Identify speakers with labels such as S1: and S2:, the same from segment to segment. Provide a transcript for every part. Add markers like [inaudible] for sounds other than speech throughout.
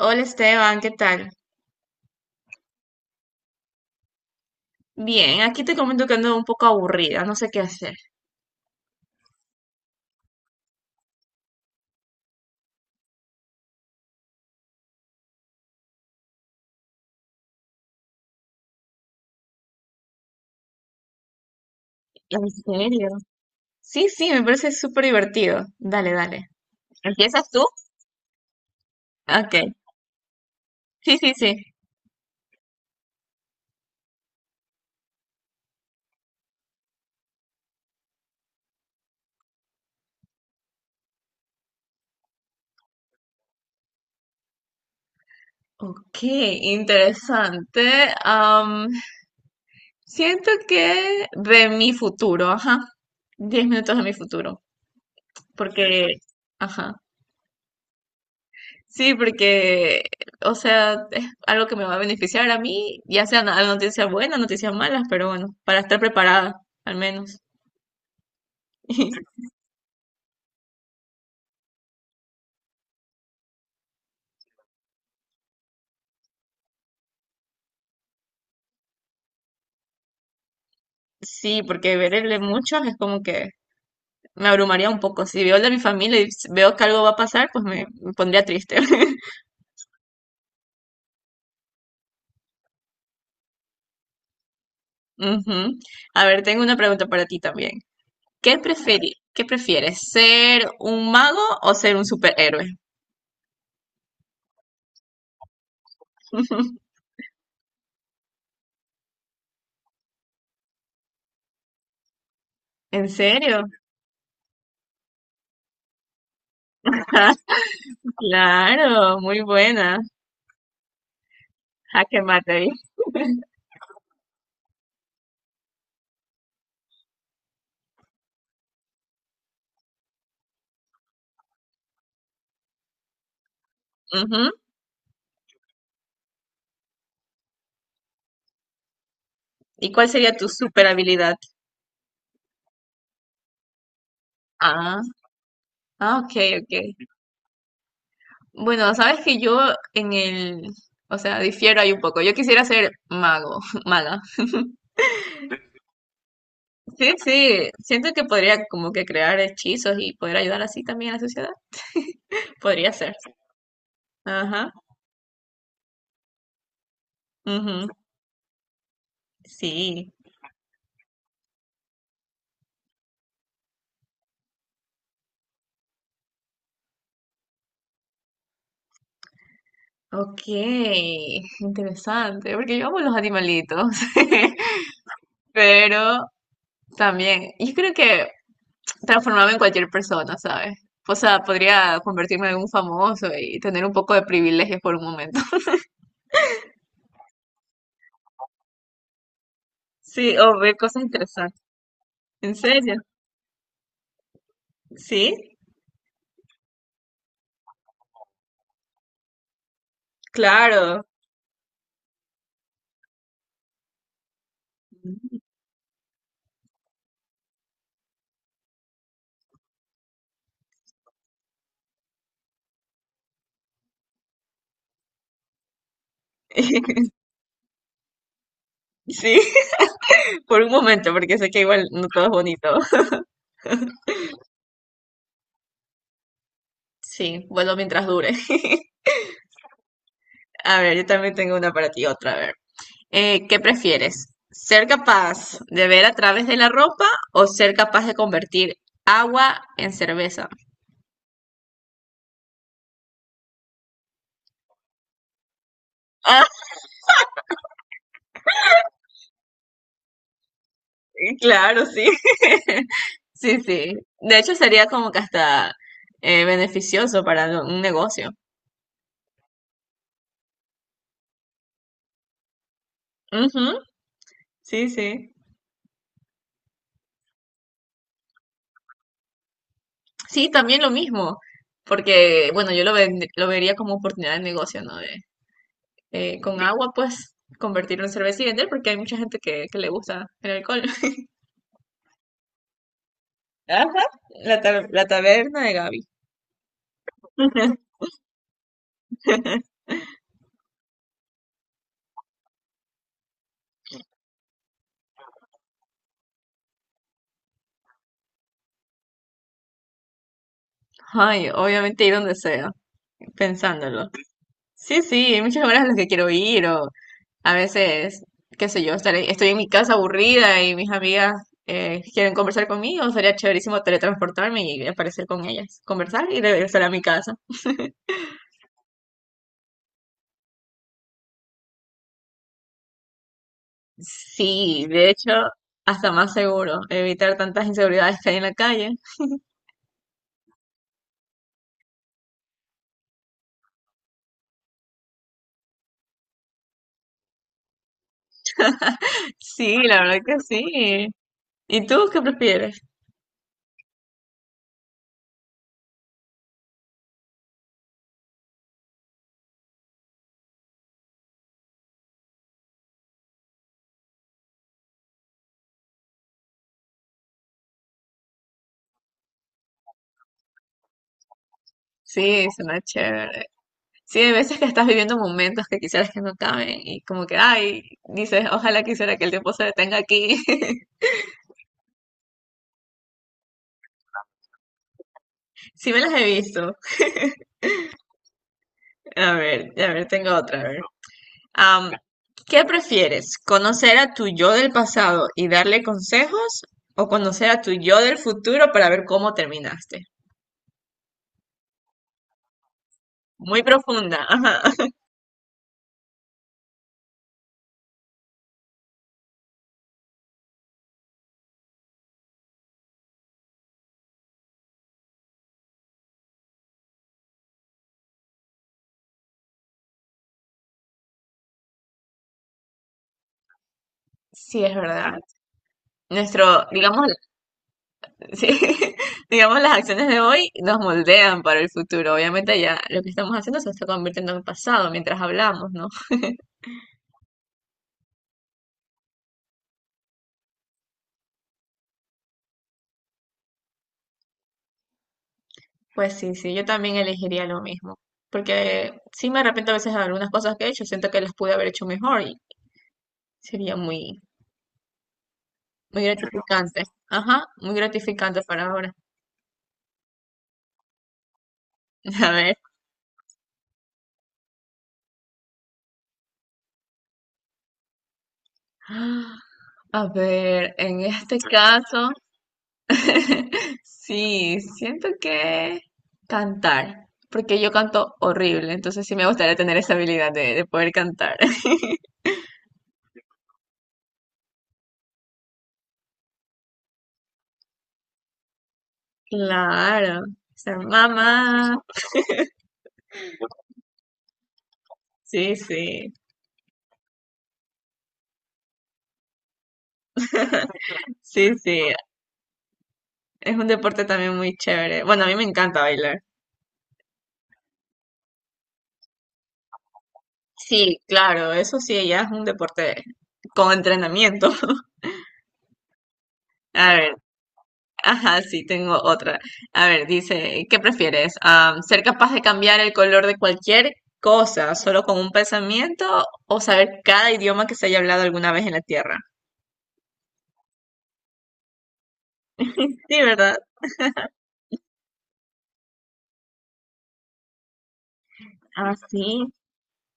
S1: Hola Esteban, ¿qué tal? Bien, aquí te comento que ando un poco aburrida, no sé qué hacer. ¿En serio? Sí, sí, me parece súper divertido. Dale, dale. ¿Empiezas tú? Ok. Sí, sí, sí. Ok, interesante. Siento que de mi futuro, ajá. 10 minutos de mi futuro. Porque, ajá. Sí, porque, o sea, es algo que me va a beneficiar a mí, ya sea una noticia buena, noticias malas, pero bueno, para estar preparada, al menos. [laughs] Sí, porque ver el de muchos es como que me abrumaría un poco. Si veo el de mi familia y veo que algo va a pasar, pues me pondría triste. [laughs] Ujú. A ver, tengo una pregunta para ti también. ¿Qué qué prefieres? ¿Ser un mago o ser un superhéroe? [laughs] ¿En serio? Ah, claro, muy buena. Jaque mate ahí. Ujú. ¿Y cuál sería tu super habilidad? Ah, ah, ok, ok. Bueno, sabes que yo en el, o sea, difiero ahí un poco. Yo quisiera ser mago, [laughs] maga. Sí, sí, siento que podría como que crear hechizos y poder ayudar así también a la sociedad. Podría ser. Ajá. Ujú, sí. Ok, interesante, porque yo amo los animalitos, [laughs] pero también, yo creo que transformarme en cualquier persona, ¿sabes? O sea, podría convertirme en un famoso y tener un poco de privilegios por un momento. [laughs] Sí, o ver cosas interesantes. ¿En serio? Sí, claro. [laughs] Sí, [laughs] por un momento, porque sé que igual no todo es bonito. [laughs] Sí, bueno, mientras dure. [laughs] A ver, yo también tengo una para ti, otra, a ver. ¿Qué prefieres? ¿Ser capaz de ver a través de la ropa o ser capaz de convertir agua en cerveza? Ah, [laughs] claro, sí. [laughs] Sí, sí. De hecho, sería como que hasta beneficioso para un negocio. Ujú, sí, sí. Sí, también lo mismo, porque bueno, yo lo vería como oportunidad de negocio, ¿no? De, con agua, pues, convertirlo en cerveza y vender, porque hay mucha gente que le gusta el alcohol. [laughs] Ajá, la taberna de Gaby. [laughs] Ay, obviamente ir donde sea, pensándolo. Sí, sí, hay muchas horas a las que quiero ir, o a veces, qué sé yo, estaré, estoy en mi casa aburrida y mis amigas quieren conversar conmigo, sería chéverísimo teletransportarme y aparecer con ellas, conversar y regresar a mi casa. Sí, de hecho, hasta más seguro, evitar tantas inseguridades que hay en la calle. Sí, la verdad que sí. ¿Y tú qué prefieres? Sí, suena chévere. Sí, hay veces que estás viviendo momentos que quisieras que no acaben y como que, ay, dices, ojalá quisiera que el tiempo se detenga aquí. [laughs] Sí me las he visto. A ver, tengo otra, a ver. Am, ¿Qué prefieres? ¿Conocer a tu yo del pasado y darle consejos o conocer a tu yo del futuro para ver cómo terminaste? Muy profunda, ajá. Sí, es verdad. Nuestro, digamos, [laughs] sí, digamos, las acciones de hoy nos moldean para el futuro. Obviamente ya lo que estamos haciendo se está convirtiendo en pasado mientras hablamos, ¿no? Pues sí, sí, yo también elegiría lo mismo. Porque sí me arrepiento a veces de algunas cosas que he hecho, siento que las pude haber hecho mejor y sería muy, muy gratificante. Ajá, muy gratificante para ahora. [laughs] A ver, a ver, en este caso. [laughs] Sí, siento que cantar, porque yo canto horrible, entonces sí me gustaría tener esa habilidad de poder cantar. [laughs] Claro, ser mamá. Sí, sí, sí, sí. Es un deporte también muy chévere. Bueno, a mí me encanta bailar. Sí, claro, eso sí, ya es un deporte con entrenamiento. [laughs] A ver, ajá, sí, tengo otra. A ver, dice, ¿qué prefieres? Ah, ¿ser capaz de cambiar el color de cualquier cosa solo con un pensamiento o saber cada idioma que se haya hablado alguna vez en la Tierra? Sí, ¿verdad? Ah, sí.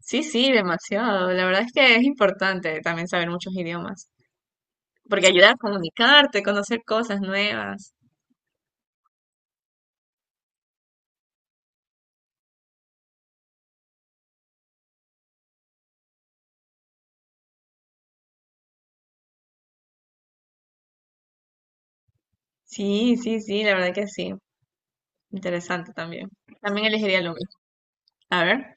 S1: Sí, sí, demasiado. La verdad es que es importante también saber muchos idiomas, porque ayuda a comunicarte, conocer cosas nuevas. Sí, sí, sí, la verdad que sí. Interesante también. También elegiría lo mismo. A ver.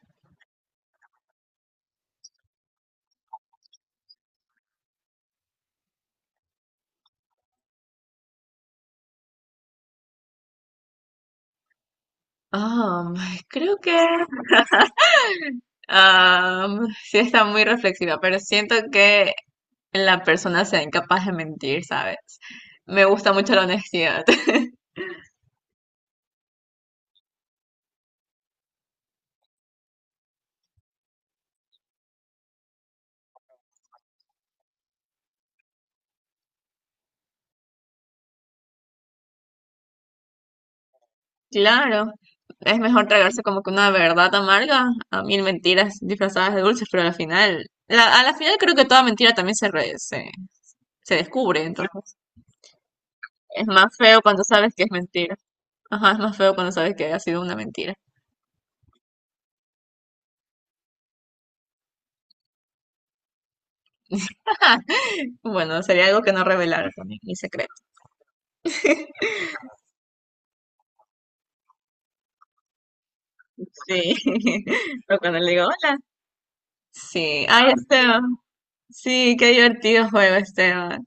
S1: Ah, creo que [laughs] sí está muy reflexiva, pero siento que la persona sea incapaz de mentir, ¿sabes? Me gusta mucho la honestidad. [laughs] Claro, es mejor tragarse como que una verdad amarga a mil mentiras disfrazadas de dulces, pero al final, a la final creo que toda mentira también se descubre, entonces es más feo cuando sabes que es mentira. Ajá, es más feo cuando sabes que ha sido una mentira. Bueno, sería algo que no revelar también, mi secreto. Sí. [laughs] O cuando le digo, hola. Sí. Ay, Esteban. Sí, qué divertido juego, Esteban.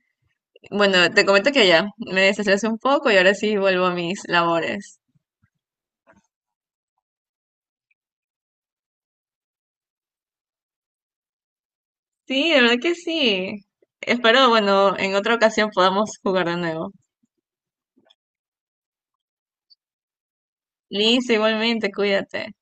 S1: Bueno, te comento que ya me desestresé un poco y ahora sí vuelvo a mis labores. Sí, de verdad que sí. Espero, bueno, en otra ocasión podamos jugar de nuevo. Liz, igualmente, cuídate.